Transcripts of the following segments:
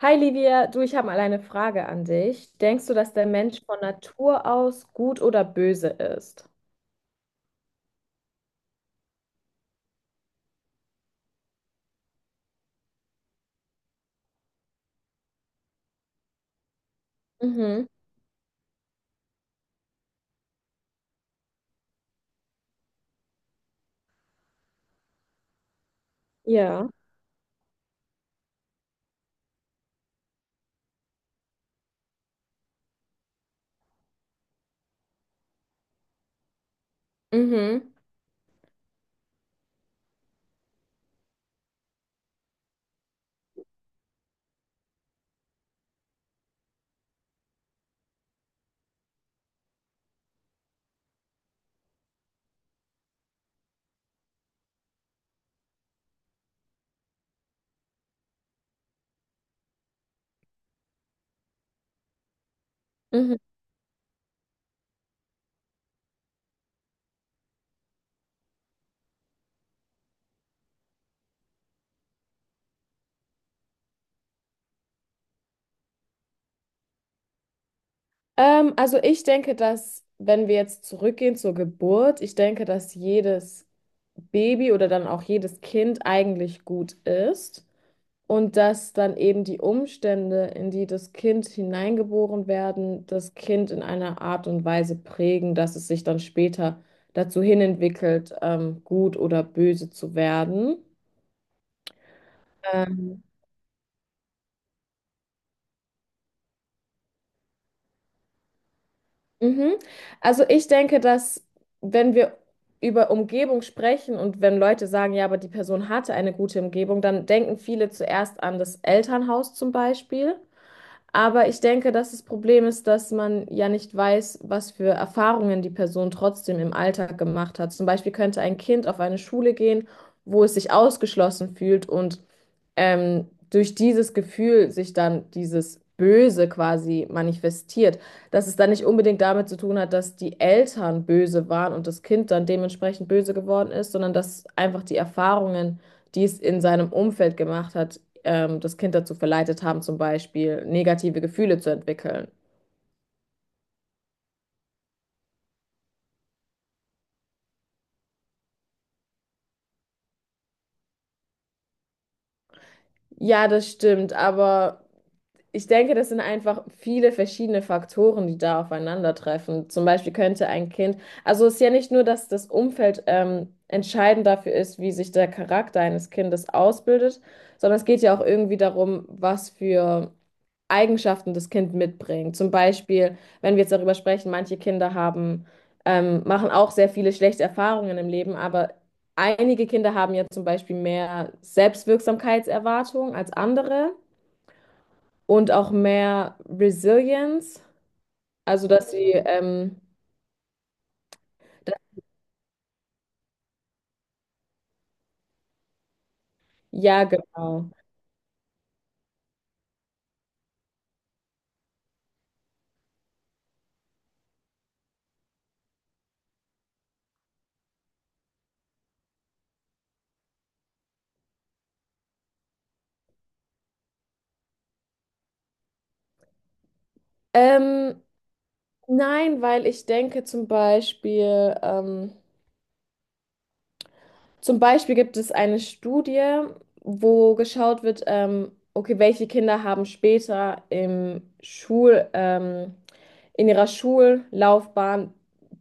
Hi Livia, du, ich habe mal eine Frage an dich. Denkst du, dass der Mensch von Natur aus gut oder böse ist? Mhm. Ja. Mhm. Mhm. Also ich denke, dass, wenn wir jetzt zurückgehen zur Geburt, ich denke, dass jedes Baby oder dann auch jedes Kind eigentlich gut ist. Und dass dann eben die Umstände, in die das Kind hineingeboren werden, das Kind in einer Art und Weise prägen, dass es sich dann später dazu hinentwickelt, gut oder böse zu werden. Ähm, Mhm. Also ich denke, dass, wenn wir über Umgebung sprechen und wenn Leute sagen, ja, aber die Person hatte eine gute Umgebung, dann denken viele zuerst an das Elternhaus zum Beispiel. Aber ich denke, dass das Problem ist, dass man ja nicht weiß, was für Erfahrungen die Person trotzdem im Alltag gemacht hat. Zum Beispiel könnte ein Kind auf eine Schule gehen, wo es sich ausgeschlossen fühlt und durch dieses Gefühl sich dann dieses Böse quasi manifestiert. Dass es dann nicht unbedingt damit zu tun hat, dass die Eltern böse waren und das Kind dann dementsprechend böse geworden ist, sondern dass einfach die Erfahrungen, die es in seinem Umfeld gemacht hat, das Kind dazu verleitet haben, zum Beispiel negative Gefühle zu entwickeln. Ja, das stimmt, aber ich denke, das sind einfach viele verschiedene Faktoren, die da aufeinandertreffen. Zum Beispiel könnte ein Kind, also es ist ja nicht nur, dass das Umfeld entscheidend dafür ist, wie sich der Charakter eines Kindes ausbildet, sondern es geht ja auch irgendwie darum, was für Eigenschaften das Kind mitbringt. Zum Beispiel, wenn wir jetzt darüber sprechen, manche Kinder haben, machen auch sehr viele schlechte Erfahrungen im Leben, aber einige Kinder haben ja zum Beispiel mehr Selbstwirksamkeitserwartung als andere und auch mehr Resilience, also dass sie, dass, ja, genau. Ähm, nein, weil ich denke zum Beispiel, zum Beispiel gibt es eine Studie, wo geschaut wird, okay, welche Kinder haben später in ihrer Schullaufbahn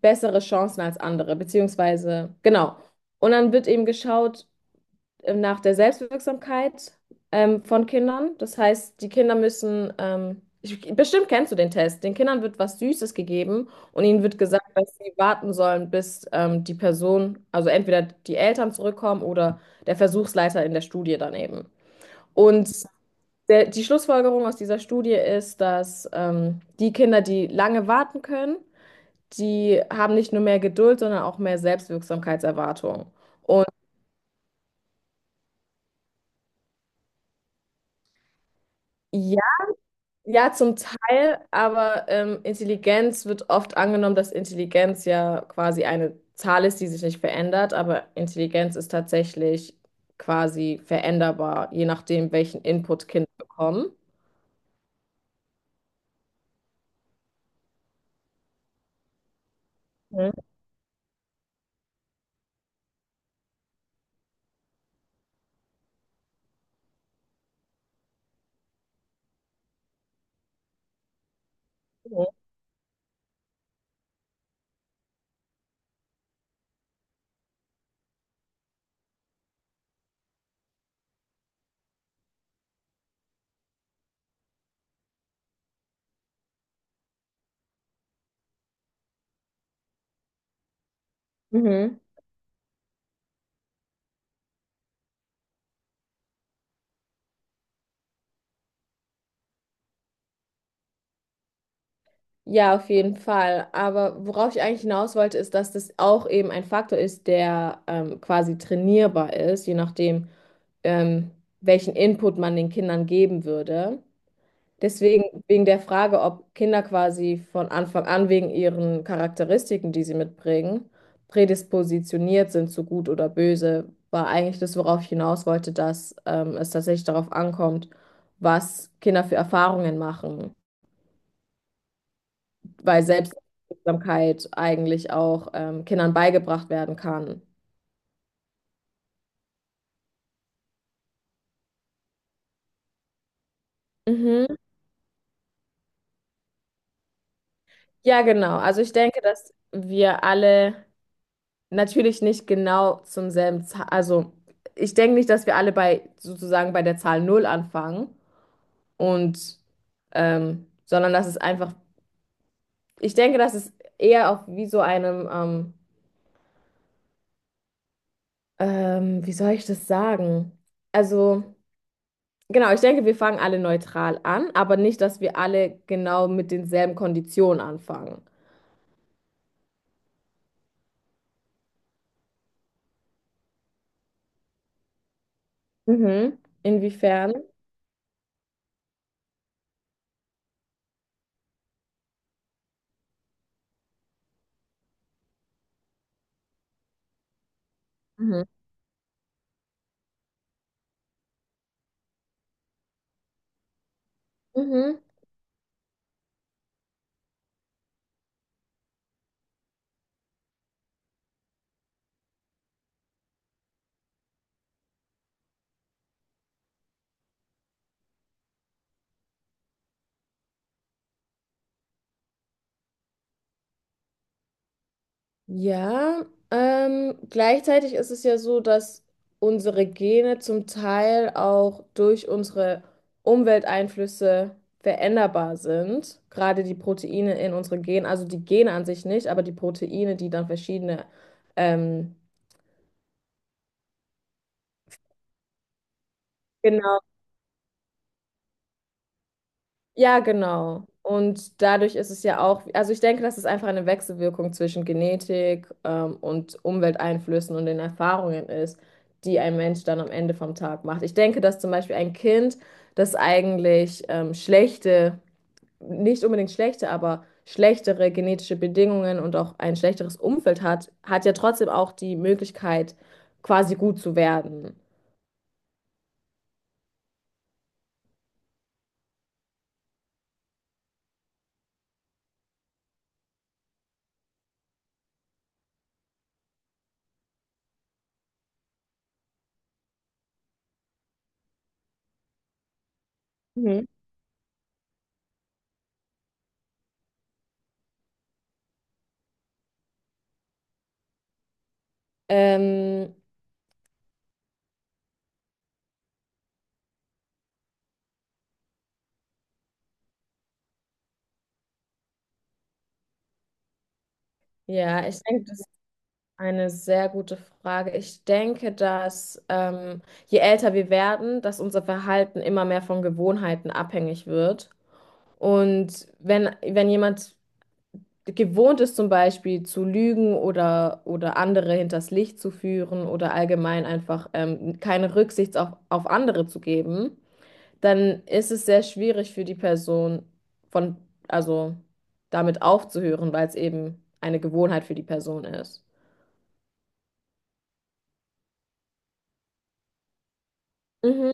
bessere Chancen als andere, beziehungsweise, genau. Und dann wird eben geschaut, nach der Selbstwirksamkeit von Kindern. Das heißt, die Kinder müssen, bestimmt kennst du den Test, den Kindern wird was Süßes gegeben und ihnen wird gesagt, dass sie warten sollen, bis die Person, also entweder die Eltern zurückkommen oder der Versuchsleiter in der Studie daneben. Und der, die Schlussfolgerung aus dieser Studie ist, dass die Kinder, die lange warten können, die haben nicht nur mehr Geduld, sondern auch mehr Selbstwirksamkeitserwartung. Und ja, zum Teil, aber Intelligenz wird oft angenommen, dass Intelligenz ja quasi eine Zahl ist, die sich nicht verändert, aber Intelligenz ist tatsächlich quasi veränderbar, je nachdem, welchen Input Kinder bekommen. Mhm. Mhm. Ja, auf jeden Fall. Aber worauf ich eigentlich hinaus wollte, ist, dass das auch eben ein Faktor ist, der quasi trainierbar ist, je nachdem, ähm, welchen Input man den Kindern geben würde. Deswegen, wegen der Frage, ob Kinder quasi von Anfang an wegen ihren Charakteristiken, die sie mitbringen, prädispositioniert sind zu gut oder böse, war eigentlich das, worauf ich hinaus wollte, dass es tatsächlich darauf ankommt, was Kinder für Erfahrungen machen, weil Selbstwirksamkeit eigentlich auch Kindern beigebracht werden kann. Mhm. Ja, genau. Also ich denke, dass wir alle natürlich nicht genau zum selben Zahl. Also, ich denke nicht, dass wir alle bei sozusagen bei der Zahl null anfangen und sondern dass es einfach, ich denke, dass es eher auf wie so einem, wie soll ich das sagen? Also, genau, ich denke, wir fangen alle neutral an, aber nicht, dass wir alle genau mit denselben Konditionen anfangen. Mhm. Inwiefern? Mhm. Mhm. Ja, gleichzeitig ist es ja so, dass unsere Gene zum Teil auch durch unsere Umwelteinflüsse veränderbar sind. Gerade die Proteine in unseren Genen, also die Gene an sich nicht, aber die Proteine, die dann verschiedene ähm, genau. Ja, genau. Und dadurch ist es ja auch, also ich denke, das ist einfach eine Wechselwirkung zwischen Genetik, und Umwelteinflüssen und den Erfahrungen ist, die ein Mensch dann am Ende vom Tag macht. Ich denke, dass zum Beispiel ein Kind, das eigentlich nicht unbedingt schlechte, aber schlechtere genetische Bedingungen und auch ein schlechteres Umfeld hat, hat ja trotzdem auch die Möglichkeit, quasi gut zu werden. Mhm. Ähm, ja, ich denke, das. Eine sehr gute Frage. Ich denke, dass je älter wir werden, dass unser Verhalten immer mehr von Gewohnheiten abhängig wird. Und wenn jemand gewohnt ist, zum Beispiel zu lügen oder andere hinters Licht zu führen oder allgemein einfach keine Rücksicht auf andere zu geben, dann ist es sehr schwierig für die Person von, also damit aufzuhören, weil es eben eine Gewohnheit für die Person ist. Mhm.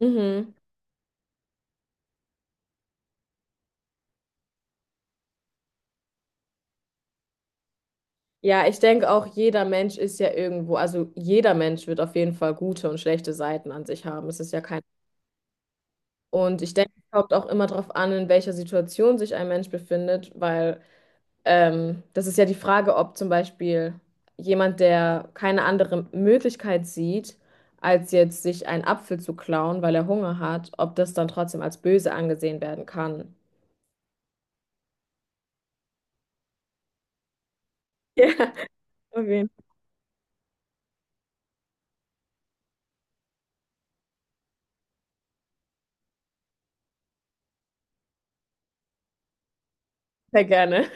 Mhm. Ja, ich denke auch, jeder Mensch ist ja irgendwo, also jeder Mensch wird auf jeden Fall gute und schlechte Seiten an sich haben. Es ist ja kein. Und ich denke, es kommt auch immer darauf an, in welcher Situation sich ein Mensch befindet, weil das ist ja die Frage, ob zum Beispiel jemand, der keine andere Möglichkeit sieht, als jetzt sich einen Apfel zu klauen, weil er Hunger hat, ob das dann trotzdem als böse angesehen werden kann. Ja, auf jeden Fall. Sehr gerne.